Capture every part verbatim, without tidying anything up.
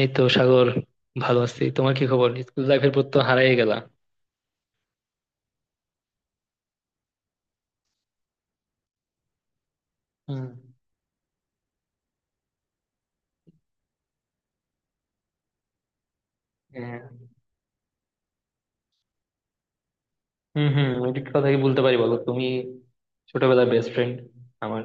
এই তো সাগর, ভালো আছি। তোমার কি খবর? স্কুল লাইফের পর তো হারাই গেলা। হুম। হ্যাঁ। হুম হুম ওইটি কথা কি বলতে পারি, বলো তুমি। ছোটবেলার বেস্ট ফ্রেন্ড আমার।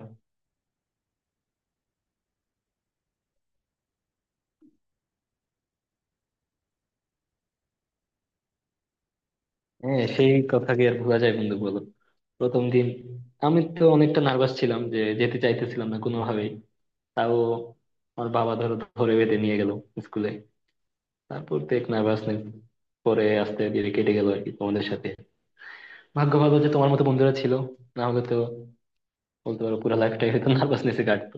হ্যাঁ, সেই কথা কি আর ভোলা যায় বন্ধু, বলো? প্রথম দিন আমি তো অনেকটা নার্ভাস ছিলাম, যে যেতে চাইতেছিলাম না কোনোভাবেই। তাও আমার বাবা ধরো ধরে বেঁধে নিয়ে গেল স্কুলে। তারপর তো এক নার্ভাসনেস পরে আস্তে ধীরে কেটে গেল আর কি তোমাদের সাথে। ভাগ্য ভালো যে তোমার মতো বন্ধুরা ছিল, না হলে তো বলতে পারো পুরো লাইফটাই হয়তো নার্ভাসনেসে কাটতো।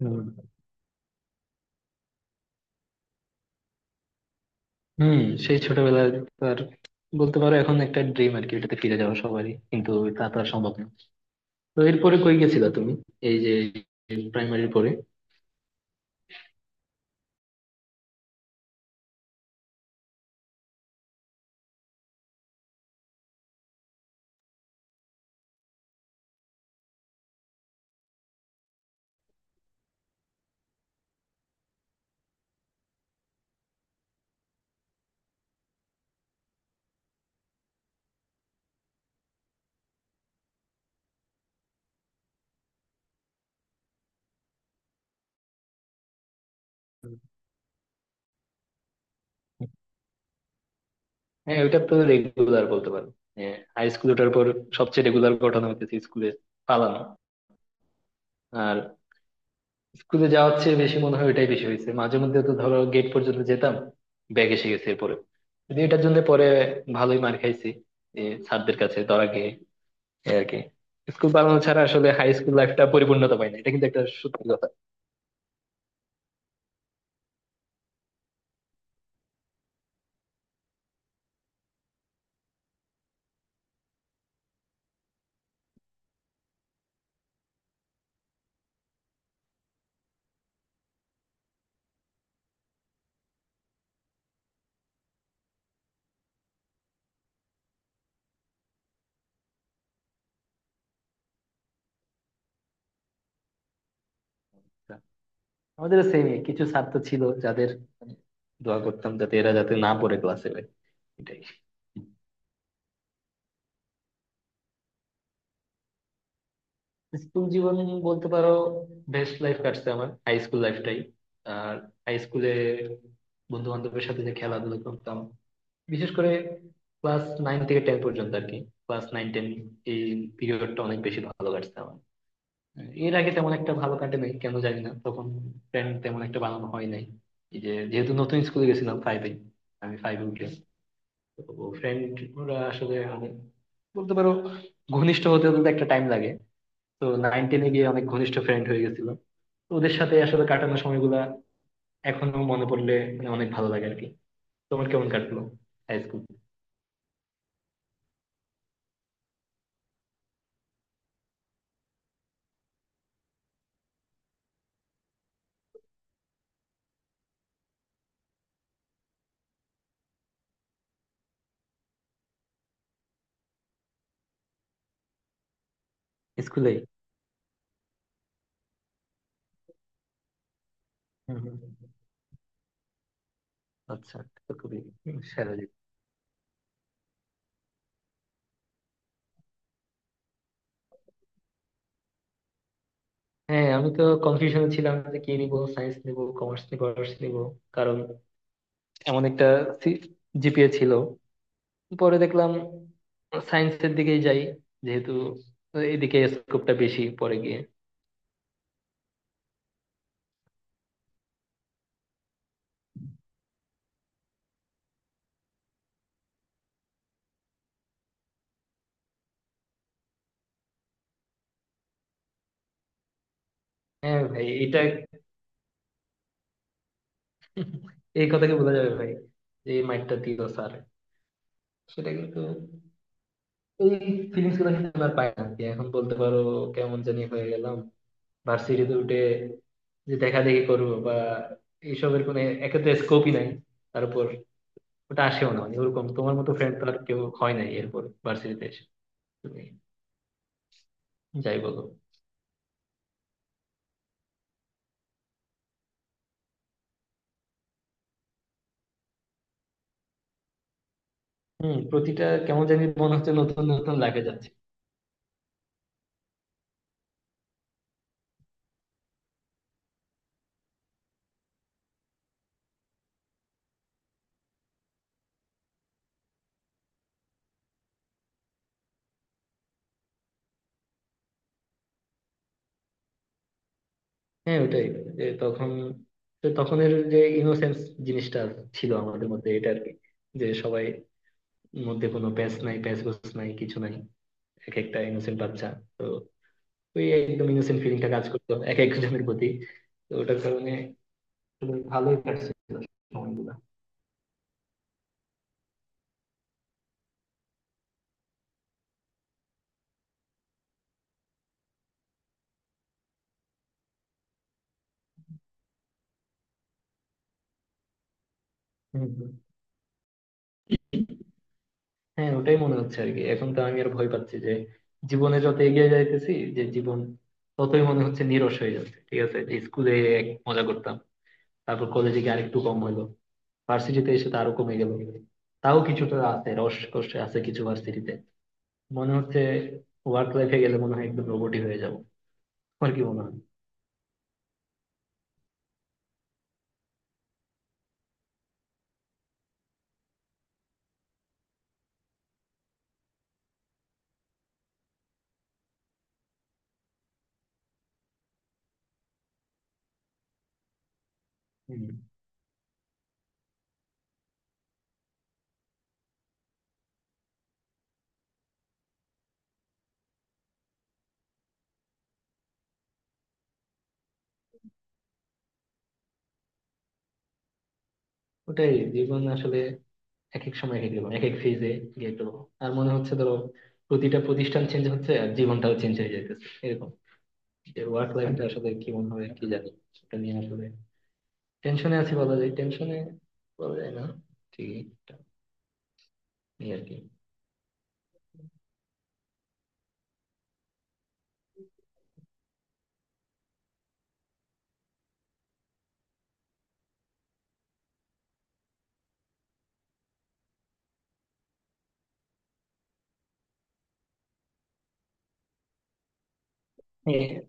হুম হুম, সেই ছোটবেলার তো আর বলতে পারো এখন একটা ড্রিম আর কি, এটাতে ফিরে যাওয়া সবারই কিন্তু তা তো আর সম্ভব না। তো এরপরে কই গেছিলা তুমি, এই যে প্রাইমারির পরে? হ্যাঁ, ওইটা তো রেগুলার বলতে পারো। হাই স্কুল ওঠার পর সবচেয়ে রেগুলার ঘটনা হচ্ছে স্কুলে পালানো। আর স্কুলে যাওয়ার চেয়ে বেশি মনে হয় ওইটাই বেশি হয়েছে। মাঝে মধ্যে তো ধরো গেট পর্যন্ত যেতাম, ব্যাগ এসে গেছে, এরপরে যদি এটার জন্য পরে ভালোই মার খাইছি, যে স্যারদের কাছে ধরা খেয়ে। এই আর কি। স্কুল পালানো ছাড়া আসলে হাই স্কুল লাইফটা পরিপূর্ণতা পায় না, এটা কিন্তু একটা সত্যি কথা। আমাদের সেমই কিছু ছাত্র ছিল যাদের মানে দোয়া করতাম যাতে এরা যাতে না পড়ে ক্লাসে ভাই। এটাই। স্কুল জীবন বলতে পারো বেস্ট লাইফ কাটছে আমার, হাই স্কুল লাইফটাই। আর হাই স্কুলে বন্ধু বান্ধবের সাথে যে খেলাধুলা করতাম, বিশেষ করে ক্লাস নাইন থেকে টেন পর্যন্ত আর কি। ক্লাস নাইন টেন এই পিরিয়ডটা অনেক বেশি ভালো কাটছে আমার। এর আগে তেমন একটা ভালো কাটে নাই, কেন জানি না। তখন প্ল্যান তেমন একটা বানানো হয় নাই। এই যে যেহেতু নতুন স্কুলে গেছিলাম ফাইভে, আমি ফাইভে উঠলাম, তো ফ্রেন্ড ওরা আসলে অনেক, বলতে পারো, ঘনিষ্ঠ হতে হতে তো একটা টাইম লাগে। তো নাইন টেনে গিয়ে অনেক ঘনিষ্ঠ ফ্রেন্ড হয়ে গেছিল। তো ওদের সাথে আসলে কাটানো সময়গুলা এখনো মনে পড়লে মানে অনেক ভালো লাগে আর কি। তোমার কেমন কাটলো হাই স্কুল? স্কুলেই। হুম হুম। আচ্ছা। তো খুবই সেরা। হ্যাঁ, আমি তো কনফিউশনে ছিলাম যে কি নিব, সায়েন্স নিব, কমার্স নিব, আর্টস নিব। কারণ এমন একটা জিপিএ ছিল। পরে দেখলাম সায়েন্সের দিকেই যাই, যেহেতু এদিকে স্কোপটা বেশি পরে গিয়ে। হ্যাঁ ভাই, এটা এই কথাকে বলা যাবে ভাই, যে এই মাইন্ডটা দিল স্যার, সেটা কিন্তু এই ফিলিংস গুলো কিন্তু আমি আর পাই না যে এখন, বলতে পারো। কেমন জানি হয়ে গেলাম ভার্সিটিতে উঠে, যে দেখা দেখি করবো বা এইসবের কোনো, একে তো স্কোপই নাই, তার উপর ওটা আসেও না। মানে ওরকম তোমার মতো ফ্রেন্ড তো আর কেউ হয় নাই এরপর ভার্সিটিতে এসে তুমি। যাই বলো। হম, প্রতিটা কেমন জানি মনে হচ্ছে নতুন নতুন লাগে যাচ্ছে। হ্যাঁ ওটাই, যে তখন, যে তখনের যে ইনোসেন্স জিনিসটা ছিল আমাদের মধ্যে, এটা আর কি, যে সবাই মধ্যে কোনো প্যাঁচ নাই, প্যাঁচ গোছ নাই, কিছু নাই। এক একটা ইনোসেন্ট বাচ্চা। তো ওই একদম ইনোসেন্ট ফিলিংটা কাজ করতো এক একজনের প্রতি। তো ওটার কারণে ভালোই কাটছিল সময়গুলো। হম হম হ্যাঁ ওটাই মনে হচ্ছে আর কি। এখন তো আমি আর ভয় পাচ্ছি যে জীবনে যত এগিয়ে যাইতেছি, যে জীবন ততই মনে হচ্ছে নিরস হয়ে যাচ্ছে। ঠিক আছে, যে স্কুলে এক মজা করতাম, তারপর কলেজে গিয়ে আরেকটু কম হলো, ভার্সিটিতে এসে তো আরো কমে গেল। তাও কিছুটা আছে রস কষ্ট আছে কিছু ভার্সিটিতে, মনে হচ্ছে। ওয়ার্ক লাইফে গেলে মনে হয় একদম রোবটই হয়ে যাবো, আমার কি মনে হয়। হম। ওটাই, জীবন আসলে এক এক সময় এক এক রকম, এক এক ফেজে গেট। আর মনে হচ্ছে ধরো প্রতিটা প্রতিষ্ঠান চেঞ্জ হচ্ছে আর জীবনটাও চেঞ্জ হয়ে যাইতেছে এরকম, যে ওয়ার্ক লাইফটা আসলে কেমন হবে কি জানি, সেটা নিয়ে আসলে টেনশনে আছি বলা যায়, টেনশনে বলা যায় না, ঠিকই এটা নিয়ে আর কি। এ-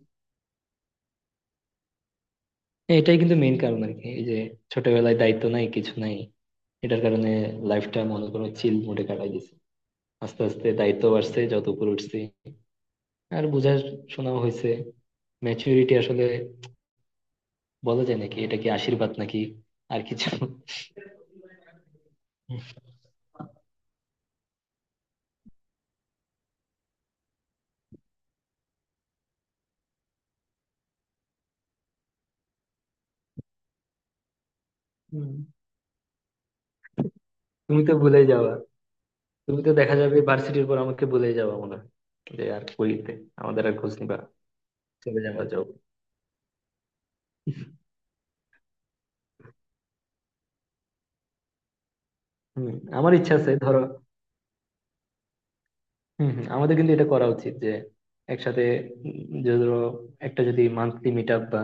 এটাই কিন্তু মেইন কারণ আর কি, এই যে ছোটবেলায় দায়িত্ব নাই কিছু নাই, এটার কারণে লাইফটা মনে করো চিল মোডে কাটাই দিছে। আস্তে আস্তে দায়িত্ব বাড়ছে যত উপরে উঠছি, আর বোঝার শোনাও হয়েছে ম্যাচুরিটি আসলে, বলা যায় নাকি এটা কি আশীর্বাদ নাকি আর কিছু। হুম। তুমি তো ভুলে যাওয়া, তুমি তো দেখা যাবে ভার্সিটির পর আমাকে বলেই যাবা মনে হয় যে আর কইতে আমাদের আর খোঁজ নিবা, চলে যাবা, যাও। হম, আমার ইচ্ছা আছে ধরো। হম হম আমাদের কিন্তু এটা করা উচিত যে একসাথে, উম, যে ধরো একটা যদি মান্থলি মিট আপ বা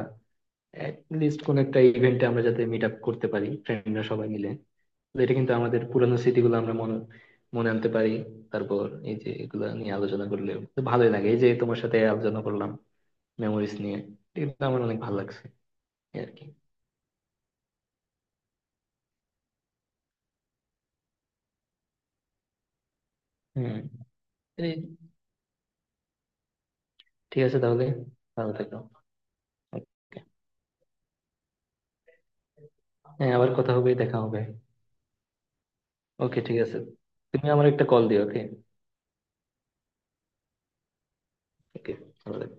লিস্ট কোন একটা ইভেন্টে আমরা যাতে মিট আপ করতে পারি, ফ্রেন্ডরা সবাই মিলে। তো এটা কিন্তু আমাদের পুরানো স্মৃতিগুলো আমরা মনে মনে আনতে পারি। তারপর এই যে এগুলা নিয়ে আলোচনা করলে তো ভালোই লাগে, এই যে তোমার সাথে আলোচনা করলাম মেমোরিজ নিয়ে, এটা কিন্তু আমার অনেক ভালো লাগছে। এই আর কি। হম। ঠিক আছে তাহলে, ভালো থেকো। Okay. হ্যাঁ, আবার কথা হবে, দেখা হবে। ওকে, ঠিক আছে। তুমি আমার একটা কল দিও, ওকে। ওকে, ভালো থেকো.